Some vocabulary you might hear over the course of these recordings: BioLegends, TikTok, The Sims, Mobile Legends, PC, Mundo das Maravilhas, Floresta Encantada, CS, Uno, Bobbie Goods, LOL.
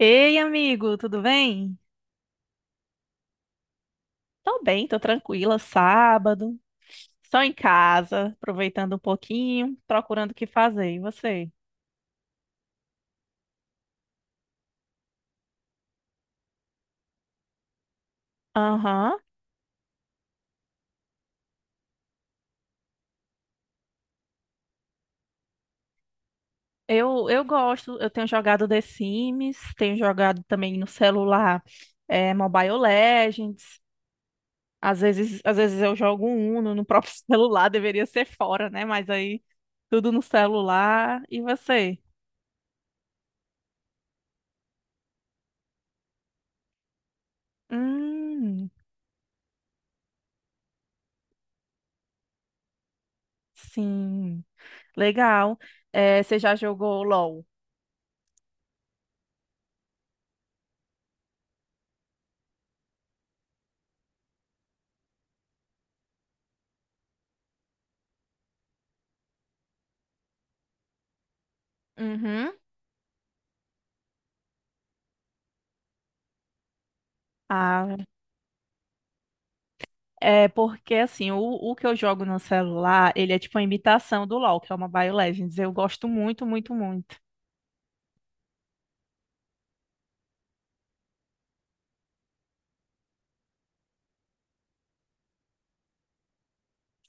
Ei, amigo, tudo bem? Tô bem, tô tranquila, sábado, só em casa, aproveitando um pouquinho, procurando o que fazer. E você? Aham. Eu gosto, eu tenho jogado The Sims, tenho jogado também no celular Mobile Legends. Às vezes eu jogo um Uno no próprio celular, deveria ser fora, né? Mas aí tudo no celular. E você? Hum, sim, legal. É, você já jogou LOL? Uhum. Ah, é porque assim, o que eu jogo no celular, ele é tipo uma imitação do LoL, que é uma BioLegends. Eu gosto muito, muito, muito.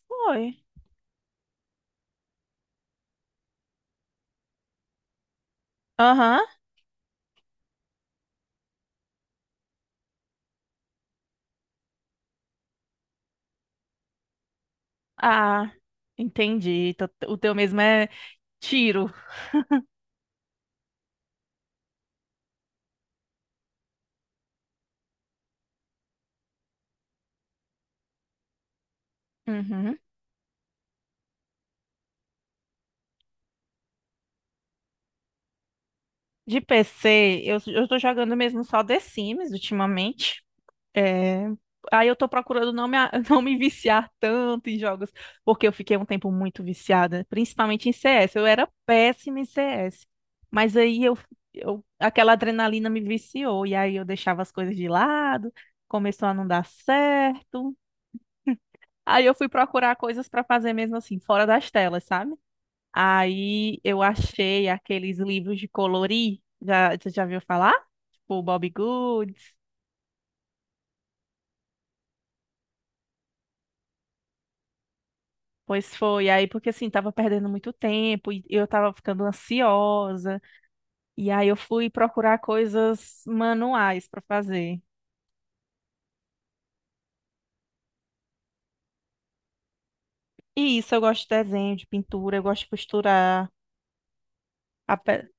Foi. Aham. Ah, entendi. O teu mesmo é tiro. Uhum. De PC, eu tô jogando mesmo só The Sims ultimamente. É, Aí eu tô procurando não não me viciar tanto em jogos, porque eu fiquei um tempo muito viciada, principalmente em CS. Eu era péssima em CS. Mas aí eu, eu aquela adrenalina me viciou, e aí eu deixava as coisas de lado, começou a não dar certo. Aí eu fui procurar coisas pra fazer mesmo assim, fora das telas, sabe? Aí eu achei aqueles livros de colorir, já, você já viu falar? Tipo, Bobbie Goods. Pois foi, aí porque assim, tava perdendo muito tempo e eu tava ficando ansiosa, e aí eu fui procurar coisas manuais para fazer. E isso, eu gosto de desenho, de pintura, eu gosto de costurar. A pe-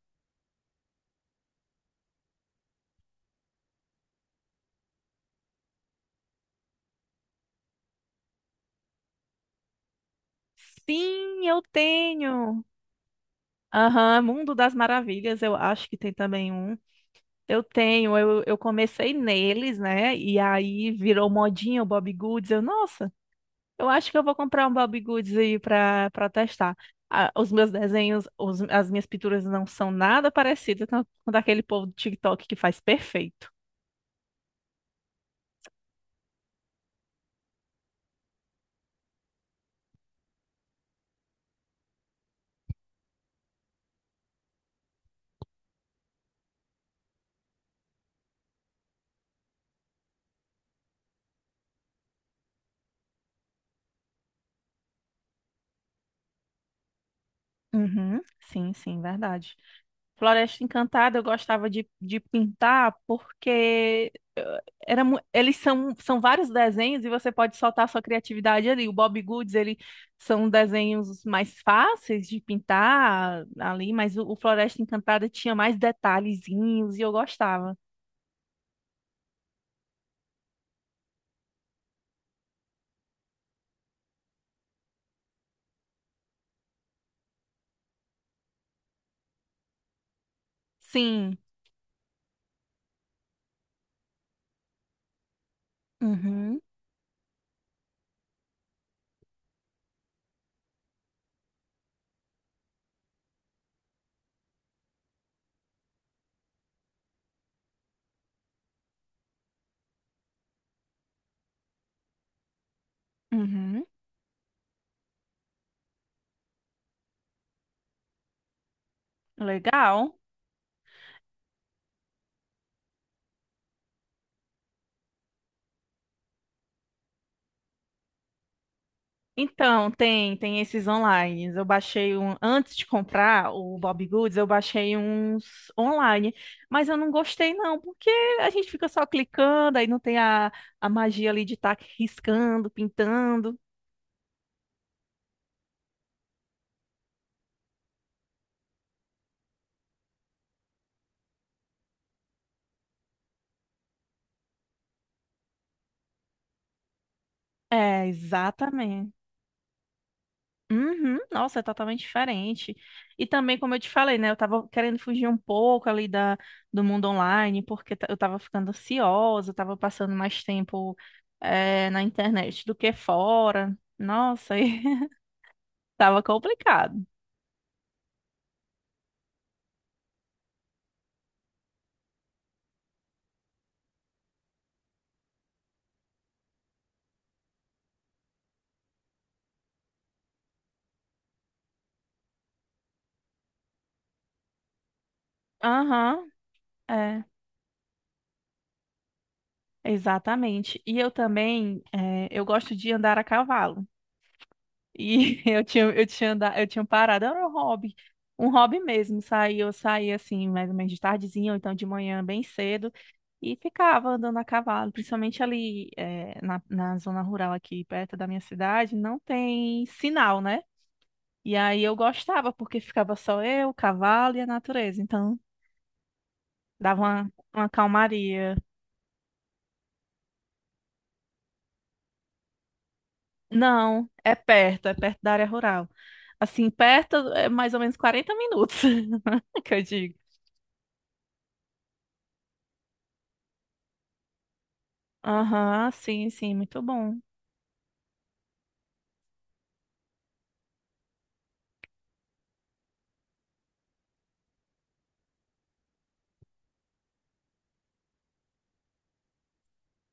Sim, eu tenho! Aham, Mundo das Maravilhas, eu acho que tem também um. Eu tenho, eu comecei neles, né? E aí virou modinha o Bob Goods, eu, nossa, eu acho que eu vou comprar um Bobbie Goods aí pra testar. Ah, os meus desenhos, os- as minhas pinturas não são nada parecidas com daquele povo do TikTok que faz perfeito. Uhum, sim, sim, verdade. Floresta Encantada eu gostava de pintar porque eles são, são vários desenhos e você pode soltar sua criatividade ali. O Bob Goods, ele são desenhos mais fáceis de pintar ali, mas o Floresta Encantada tinha mais detalhezinhos e eu gostava. Sim. Uhum, uhum. Legal. Então, tem, tem esses online. Eu baixei um, antes de comprar o Bob Goods, eu baixei uns online, mas eu não gostei não, porque a gente fica só clicando, aí não tem a magia ali de estar riscando, pintando. É, exatamente. Uhum, nossa, é totalmente diferente. E também, como eu te falei, né? Eu tava querendo fugir um pouco ali do mundo online, porque eu tava ficando ansiosa, eu tava passando mais tempo, na internet do que fora. Nossa, e tava complicado. Aham, é, exatamente. E eu também, eu gosto de andar a cavalo. E eu tinha parado, era um hobby mesmo. Eu saía assim, mais ou menos de tardezinha, ou então de manhã, bem cedo. E ficava andando a cavalo, principalmente ali na zona rural aqui perto da minha cidade, não tem sinal, né? E aí eu gostava, porque ficava só eu, o cavalo e a natureza, então dava uma calmaria. Não, é perto da área rural. Assim, perto é mais ou menos 40 minutos, que eu digo. Aham, sim, sim, muito bom.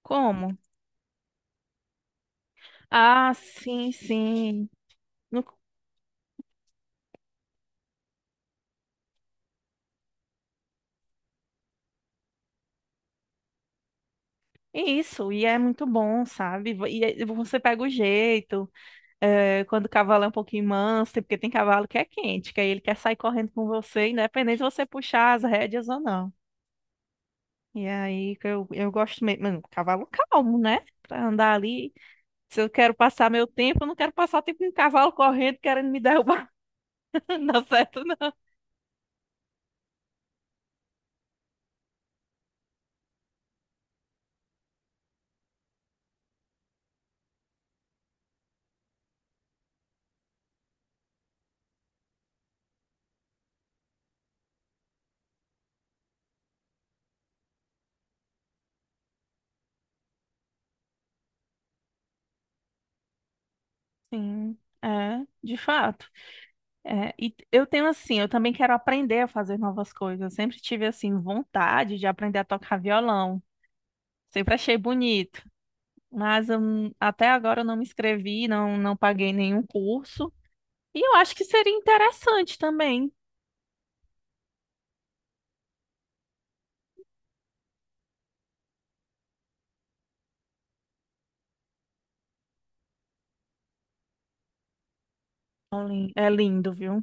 Como? Ah, sim, sim. No- Isso, e é muito bom, sabe? E aí você pega o jeito. É, quando o cavalo é um pouquinho manso, é porque tem cavalo que é quente, que aí ele quer sair correndo com você, independente de você puxar as rédeas ou não. E aí eu gosto mesmo, mano, cavalo calmo, né? Pra andar ali. Se eu quero passar meu tempo, eu não quero passar tempo com um cavalo correndo querendo me derrubar. Não dá certo, não. Sim, é, de fato. É, eu tenho assim, eu também quero aprender a fazer novas coisas. Eu sempre tive assim vontade de aprender a tocar violão. Sempre achei bonito. Mas até agora eu não me inscrevi, não paguei nenhum curso. E eu acho que seria interessante também. É lindo, viu?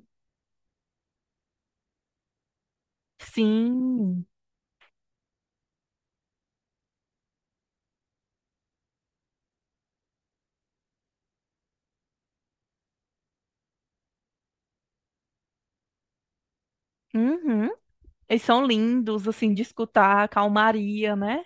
Sim. Uhum. Eles são lindos, assim, de escutar, a calmaria, né?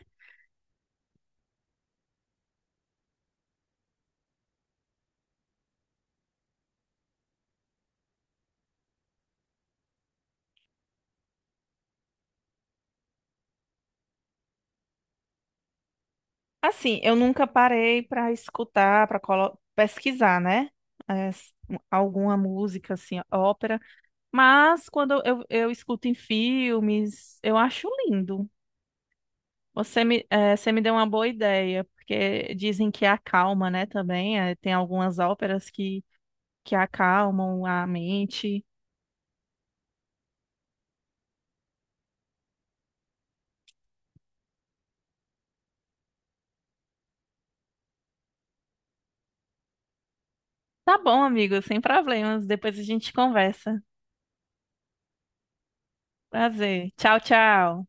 Assim, eu nunca parei para escutar, para pesquisar, né? É, s- alguma música, assim, ópera. Mas quando eu escuto em filmes, eu acho lindo. Você você me deu uma boa ideia, porque dizem que acalma, né, também. Tem algumas óperas que acalmam a mente. Tá bom, amigo, sem problemas. Depois a gente conversa. Prazer. Tchau, tchau.